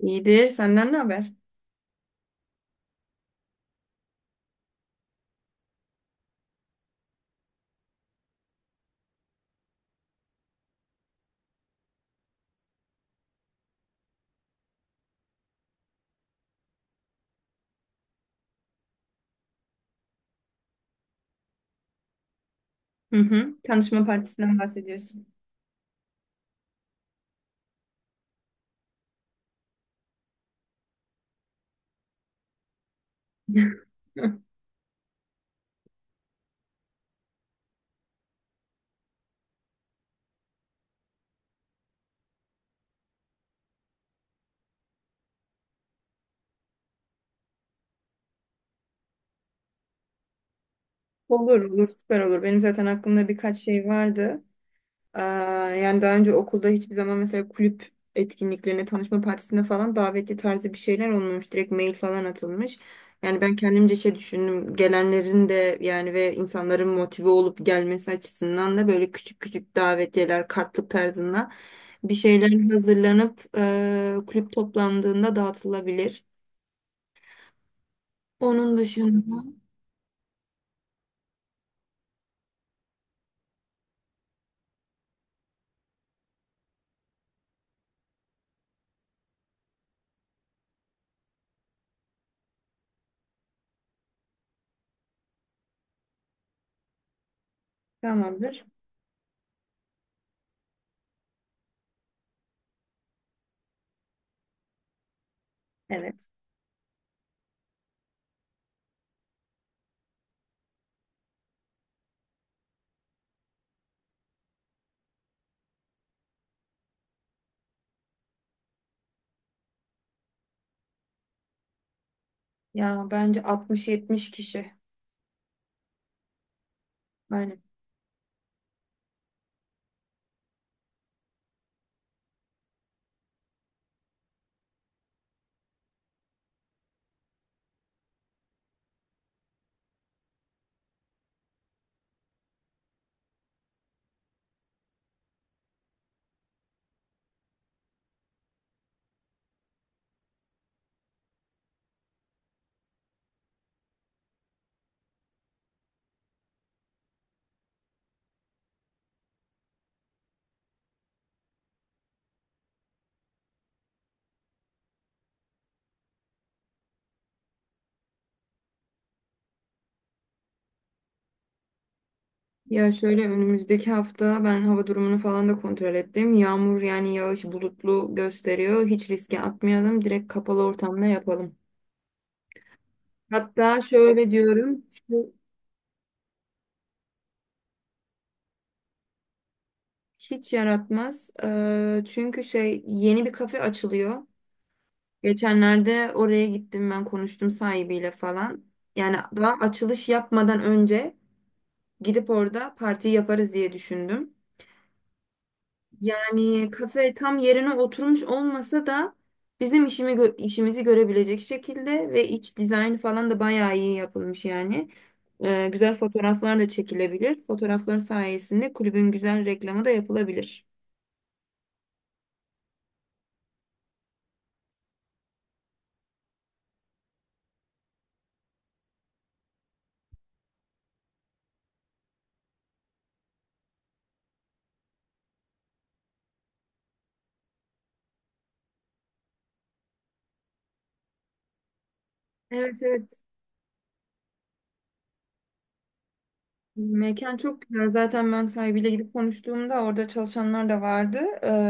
İyidir. Senden ne haber? Hı hı. Tanışma partisinden bahsediyorsun. Olur olur, süper olur. Benim zaten aklımda birkaç şey vardı. Ee, Yani daha önce okulda hiçbir zaman mesela kulüp etkinliklerine, tanışma partisine falan davetli tarzı bir şeyler olmamış. Direkt mail falan atılmış. Yani ben kendimce şey düşündüm. Gelenlerin de yani ve insanların motive olup gelmesi açısından da böyle küçük küçük davetiyeler, kartlık tarzında bir şeyler hazırlanıp kulüp toplandığında dağıtılabilir. Onun dışında tamamdır. Evet. Ya bence 60-70 kişi. Aynen. Ya şöyle önümüzdeki hafta ben hava durumunu falan da kontrol ettim. Yağmur, yani yağış bulutlu gösteriyor. Hiç riske atmayalım. Direkt kapalı ortamda yapalım. Hatta şöyle diyorum. Bu hiç yaratmaz. Çünkü şey, yeni bir kafe açılıyor. Geçenlerde oraya gittim, ben konuştum sahibiyle falan. Yani daha açılış yapmadan önce gidip orada parti yaparız diye düşündüm. Yani kafe tam yerine oturmuş olmasa da bizim işimizi görebilecek şekilde ve iç dizayn falan da bayağı iyi yapılmış yani. Güzel fotoğraflar da çekilebilir. Fotoğraflar sayesinde kulübün güzel reklamı da yapılabilir. Evet, evet. Mekan çok güzel. Zaten ben sahibiyle gidip konuştuğumda orada çalışanlar da vardı.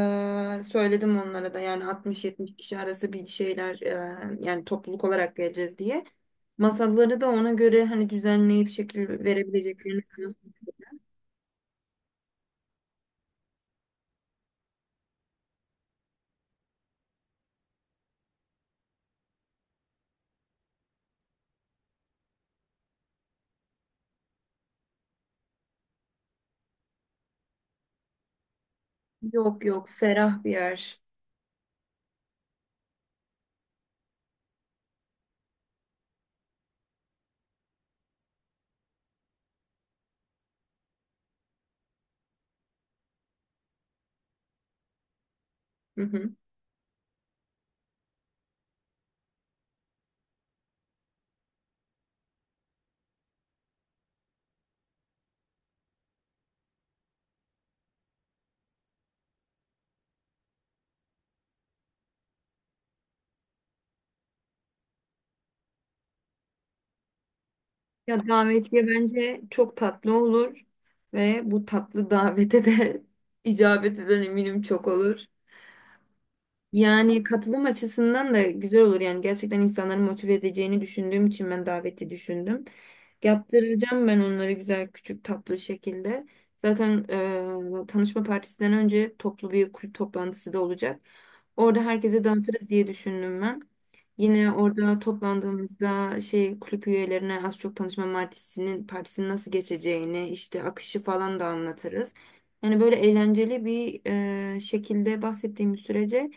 Söyledim onlara da, yani 60-70 kişi arası bir şeyler, yani topluluk olarak geleceğiz diye. Masaları da ona göre hani düzenleyip şekil verebileceklerini sanıyorsun. Yok yok, ferah bir yer. Hı hı. Ya davetiye bence çok tatlı olur ve bu tatlı davete de icabet eden eminim çok olur. Yani katılım açısından da güzel olur. Yani gerçekten insanları motive edeceğini düşündüğüm için ben daveti düşündüm. Yaptıracağım ben onları güzel, küçük, tatlı şekilde. Zaten tanışma partisinden önce toplu bir kulüp toplantısı da olacak. Orada herkese dağıtırız diye düşündüm ben. Yine orada toplandığımızda şey, kulüp üyelerine az çok tanışma partisinin nasıl geçeceğini, işte akışı falan da anlatırız. Yani böyle eğlenceli bir şekilde bahsettiğim sürece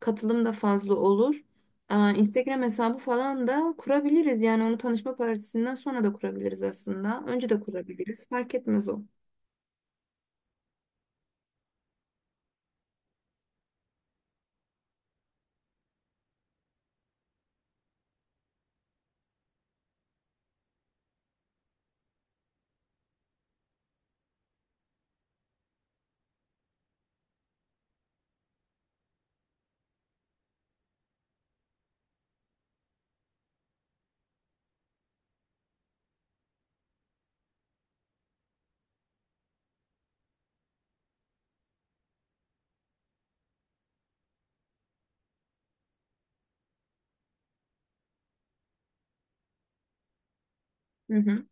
katılım da fazla olur. Aa, Instagram hesabı falan da kurabiliriz. Yani onu tanışma partisinden sonra da kurabiliriz aslında. Önce de kurabiliriz. Fark etmez o. Hı hı.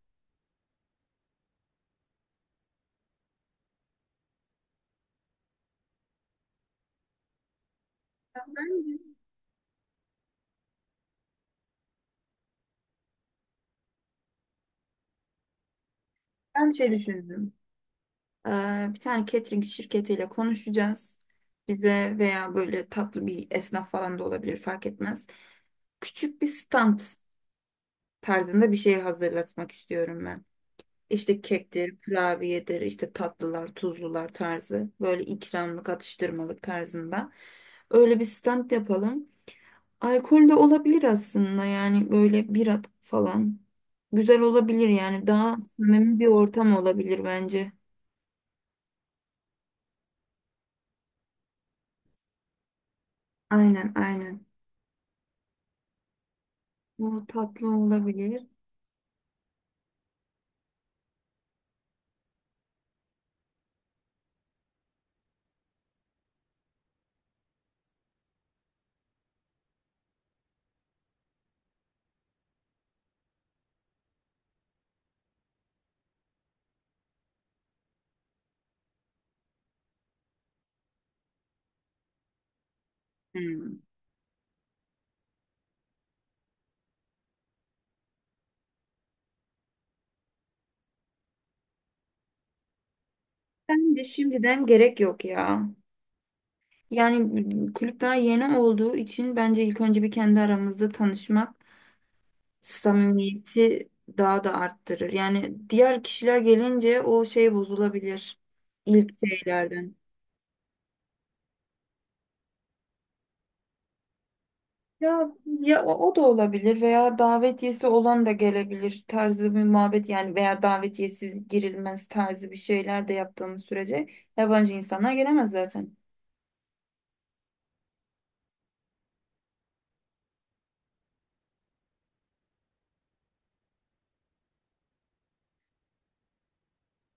Ben, Ben şey düşündüm. Ee, Bir tane catering şirketiyle konuşacağız. Bize veya böyle tatlı bir esnaf falan da olabilir, fark etmez. Küçük bir stand tarzında bir şey hazırlatmak istiyorum ben. İşte kektir, kurabiyedir, işte tatlılar, tuzlular tarzı. Böyle ikramlık, atıştırmalık tarzında. Öyle bir stand yapalım. Alkol de olabilir aslında, yani böyle bira falan. Güzel olabilir, yani daha samimi bir ortam olabilir bence. Aynen aynen. Bu tatlı olabilir. Hmm. Bence şimdiden gerek yok ya. Yani kulüp daha yeni olduğu için bence ilk önce bir kendi aramızda tanışmak samimiyeti daha da arttırır. Yani diğer kişiler gelince o şey bozulabilir ilk şeylerden. Ya Ya o, o da olabilir veya davetiyesi olan da gelebilir tarzı bir muhabbet yani, veya davetiyesiz girilmez tarzı bir şeyler de yaptığımız sürece yabancı insanlar gelemez zaten.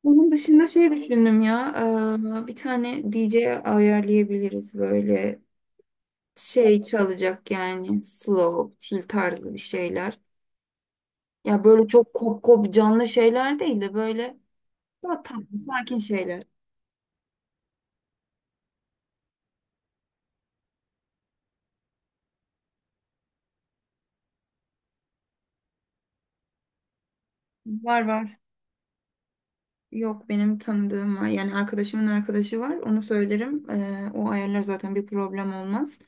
Bunun dışında şey düşündüm ya, bir tane DJ ayarlayabiliriz, böyle şey çalacak yani, slow, chill tarzı bir şeyler. Ya böyle çok kop kop canlı şeyler değil de böyle daha tatlı, sakin şeyler. Var var. Yok, benim tanıdığım var. Yani arkadaşımın arkadaşı var. Onu söylerim. O ayarlar, zaten bir problem olmaz.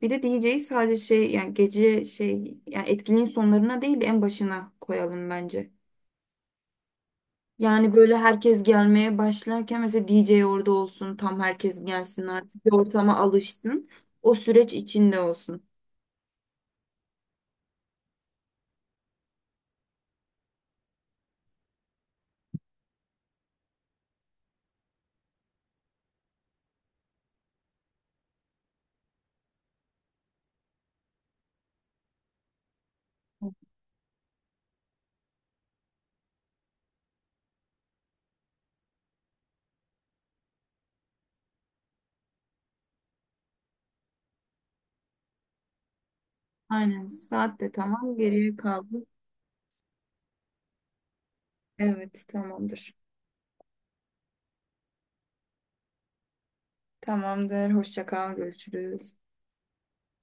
Bir de DJ'yi sadece şey yani gece, şey yani etkinliğin sonlarına değil de en başına koyalım bence. Yani böyle herkes gelmeye başlarken mesela DJ orada olsun. Tam herkes gelsin artık. Bir ortama alıştın. O süreç içinde olsun. Aynen. Saat de tamam. Geriye kaldı. Evet, tamamdır. Tamamdır. Hoşça kal. Görüşürüz.